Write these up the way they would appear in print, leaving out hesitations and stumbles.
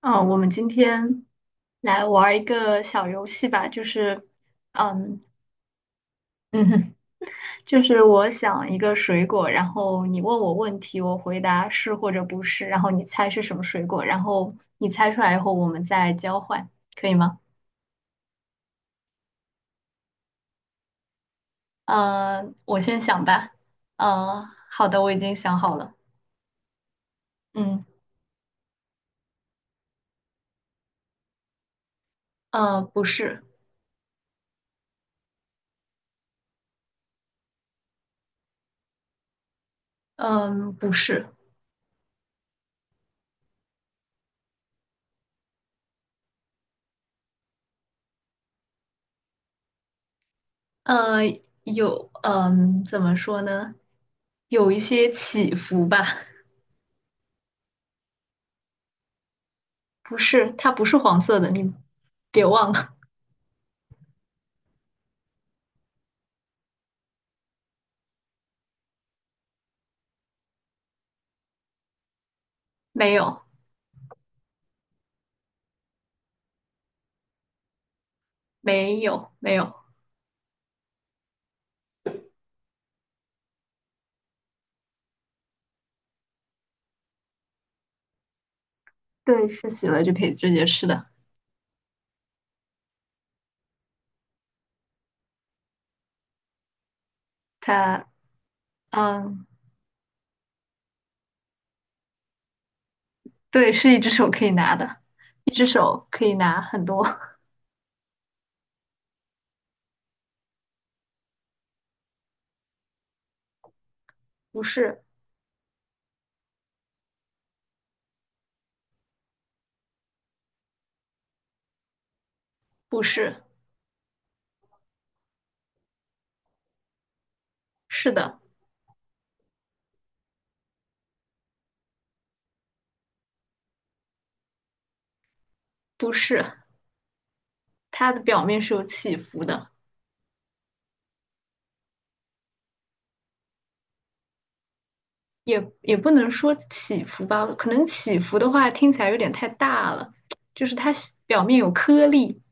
嗯，我们今天来玩儿一个小游戏吧，就是，嗯 嗯哼，就是我想一个水果，然后你问我问题，我回答是或者不是，然后你猜是什么水果，然后你猜出来以后我们再交换，可以吗？嗯，我先想吧。嗯，好的，我已经想好了。嗯，不是，嗯，不是，呃，有，嗯，怎么说呢？有一些起伏吧。不是，它不是黄色的，你别忘了，没有，没有，没有，对，是洗了就可以直接吃的。它，嗯，对，是一只手可以拿的，一只手可以拿很多。不是，不是，是的，不是，它的表面是有起伏的，也不能说起伏吧，可能起伏的话听起来有点太大了，就是它表面有颗粒。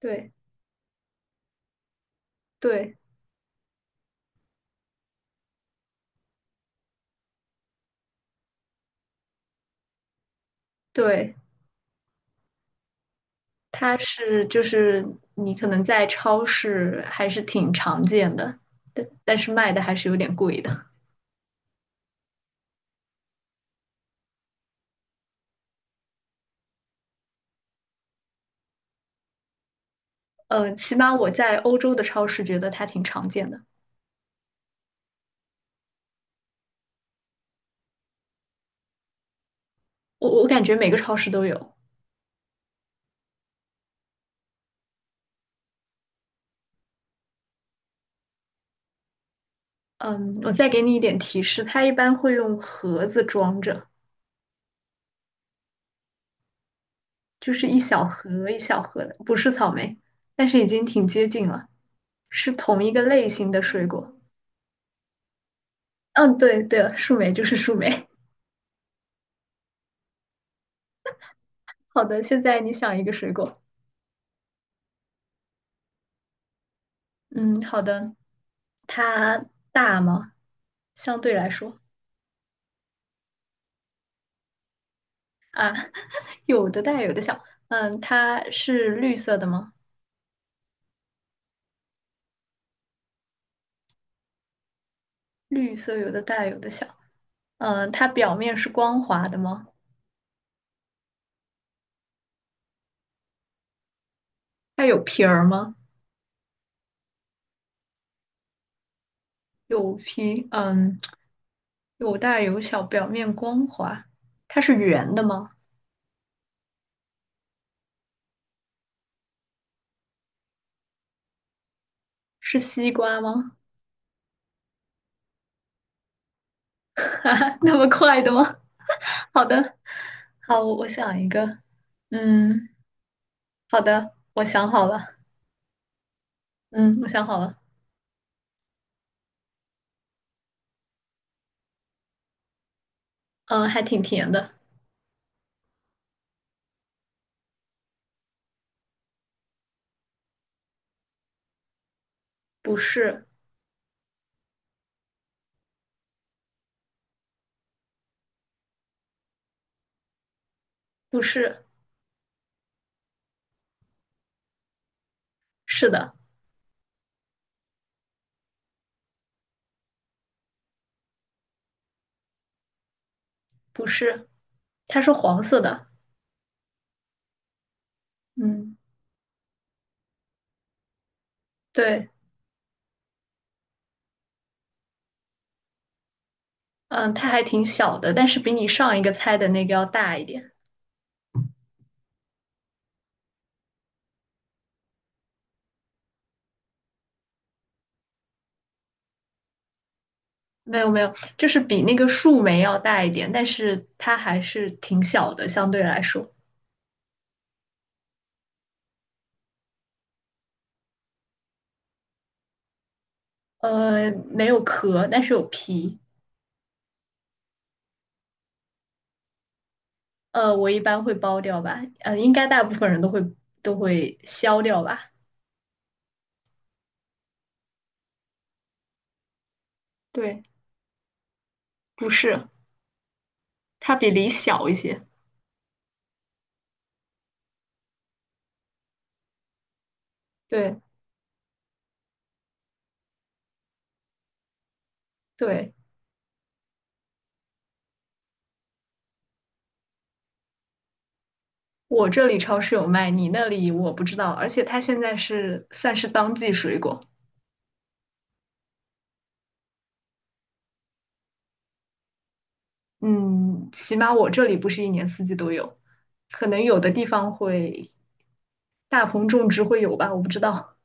对，对，对。它是就是你可能在超市还是挺常见的，但是卖的还是有点贵的。嗯，起码我在欧洲的超市觉得它挺常见的，我感觉每个超市都有。嗯，我再给你一点提示，它一般会用盒子装着，就是一小盒一小盒的，不是草莓，但是已经挺接近了，是同一个类型的水果。嗯，对，对了，树莓就是树莓。好的，现在你想一个水果。嗯，好的，它大吗？相对来说啊，有的大有的小。嗯，它是绿色的吗？绿色有的大有的小。嗯，它表面是光滑的吗？它有皮儿吗？有皮，嗯，有大有小，表面光滑。它是圆的吗？是西瓜吗？哈哈，那么快的吗？好的，好，我想一个。嗯，好的，我想好了。嗯，我想好了。嗯，还挺甜的。不是，不是，是的。不是，它是黄色的。嗯，对，嗯，它还挺小的，但是比你上一个猜的那个要大一点。没有没有，就是比那个树莓要大一点，但是它还是挺小的，相对来说。没有壳，但是有皮。我一般会剥掉吧。应该大部分人都会削掉吧。对，不是，它比梨小一些。对，对。我这里超市有卖，你那里我不知道。而且它现在是算是当季水果，嗯，起码我这里不是一年四季都有，可能有的地方会大棚种植会有吧，我不知道。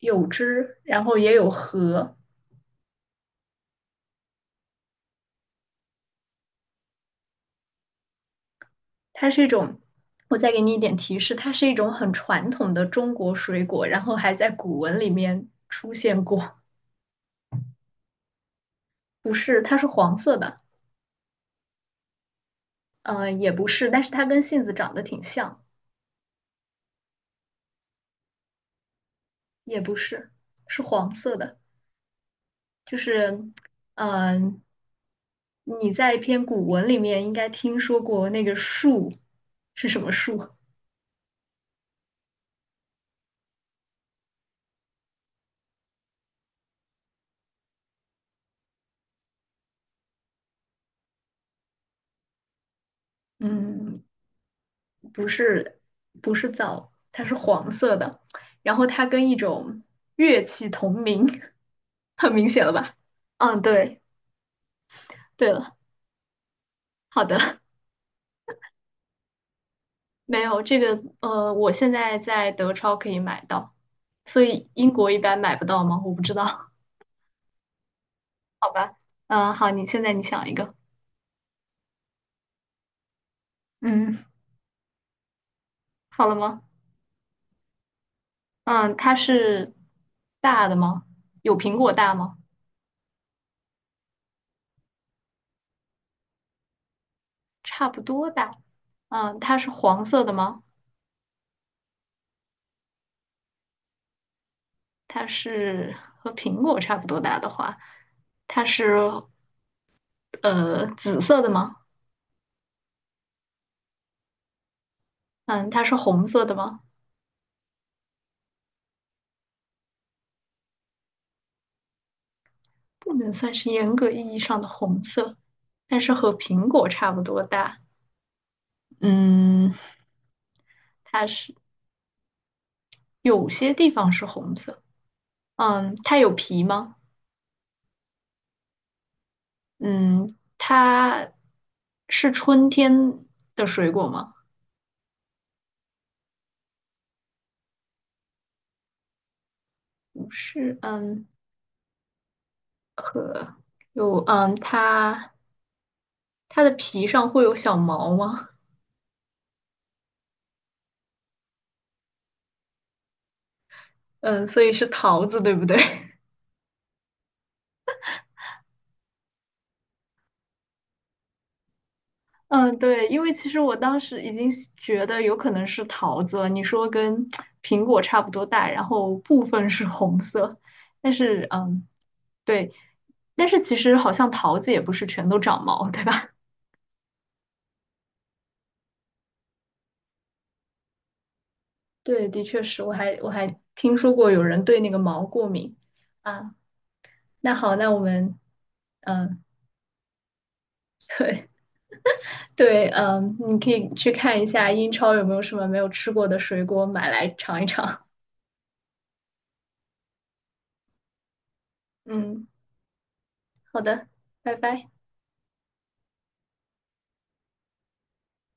有枝，然后也有核，它是一种，我再给你一点提示，它是一种很传统的中国水果，然后还在古文里面出现过。不是，它是黄色的，也不是，但是它跟杏子长得挺像，也不是，是黄色的。就是，嗯、你在一篇古文里面应该听说过那个树是什么树？嗯，不是，不是枣，它是黄色的，然后它跟一种乐器同名，很明显了吧？嗯，对，对了，好的，没有这个，我现在在德超可以买到，所以英国一般买不到吗？我不知道，好吧，好，你现在你想一个，嗯，好了吗？嗯，它是大的吗？有苹果大吗？差不多大。嗯，它是黄色的吗？它是和苹果差不多大的话，它是紫色的吗？嗯，它是红色的吗？不能算是严格意义上的红色，但是和苹果差不多大。嗯，它是有些地方是红色。嗯，它有皮吗？嗯，它是春天的水果吗？不是可有，它的皮上会有小毛吗？嗯，所以是桃子，对不对？嗯，对，因为其实我当时已经觉得有可能是桃子了。你说跟苹果差不多大，然后部分是红色，但是对，但是其实好像桃子也不是全都长毛，对吧？对，的确是，我还听说过有人对那个毛过敏啊。那好，那我们嗯，对。对，你可以去看一下英超有没有什么没有吃过的水果，买来尝一尝。嗯，好的，拜拜。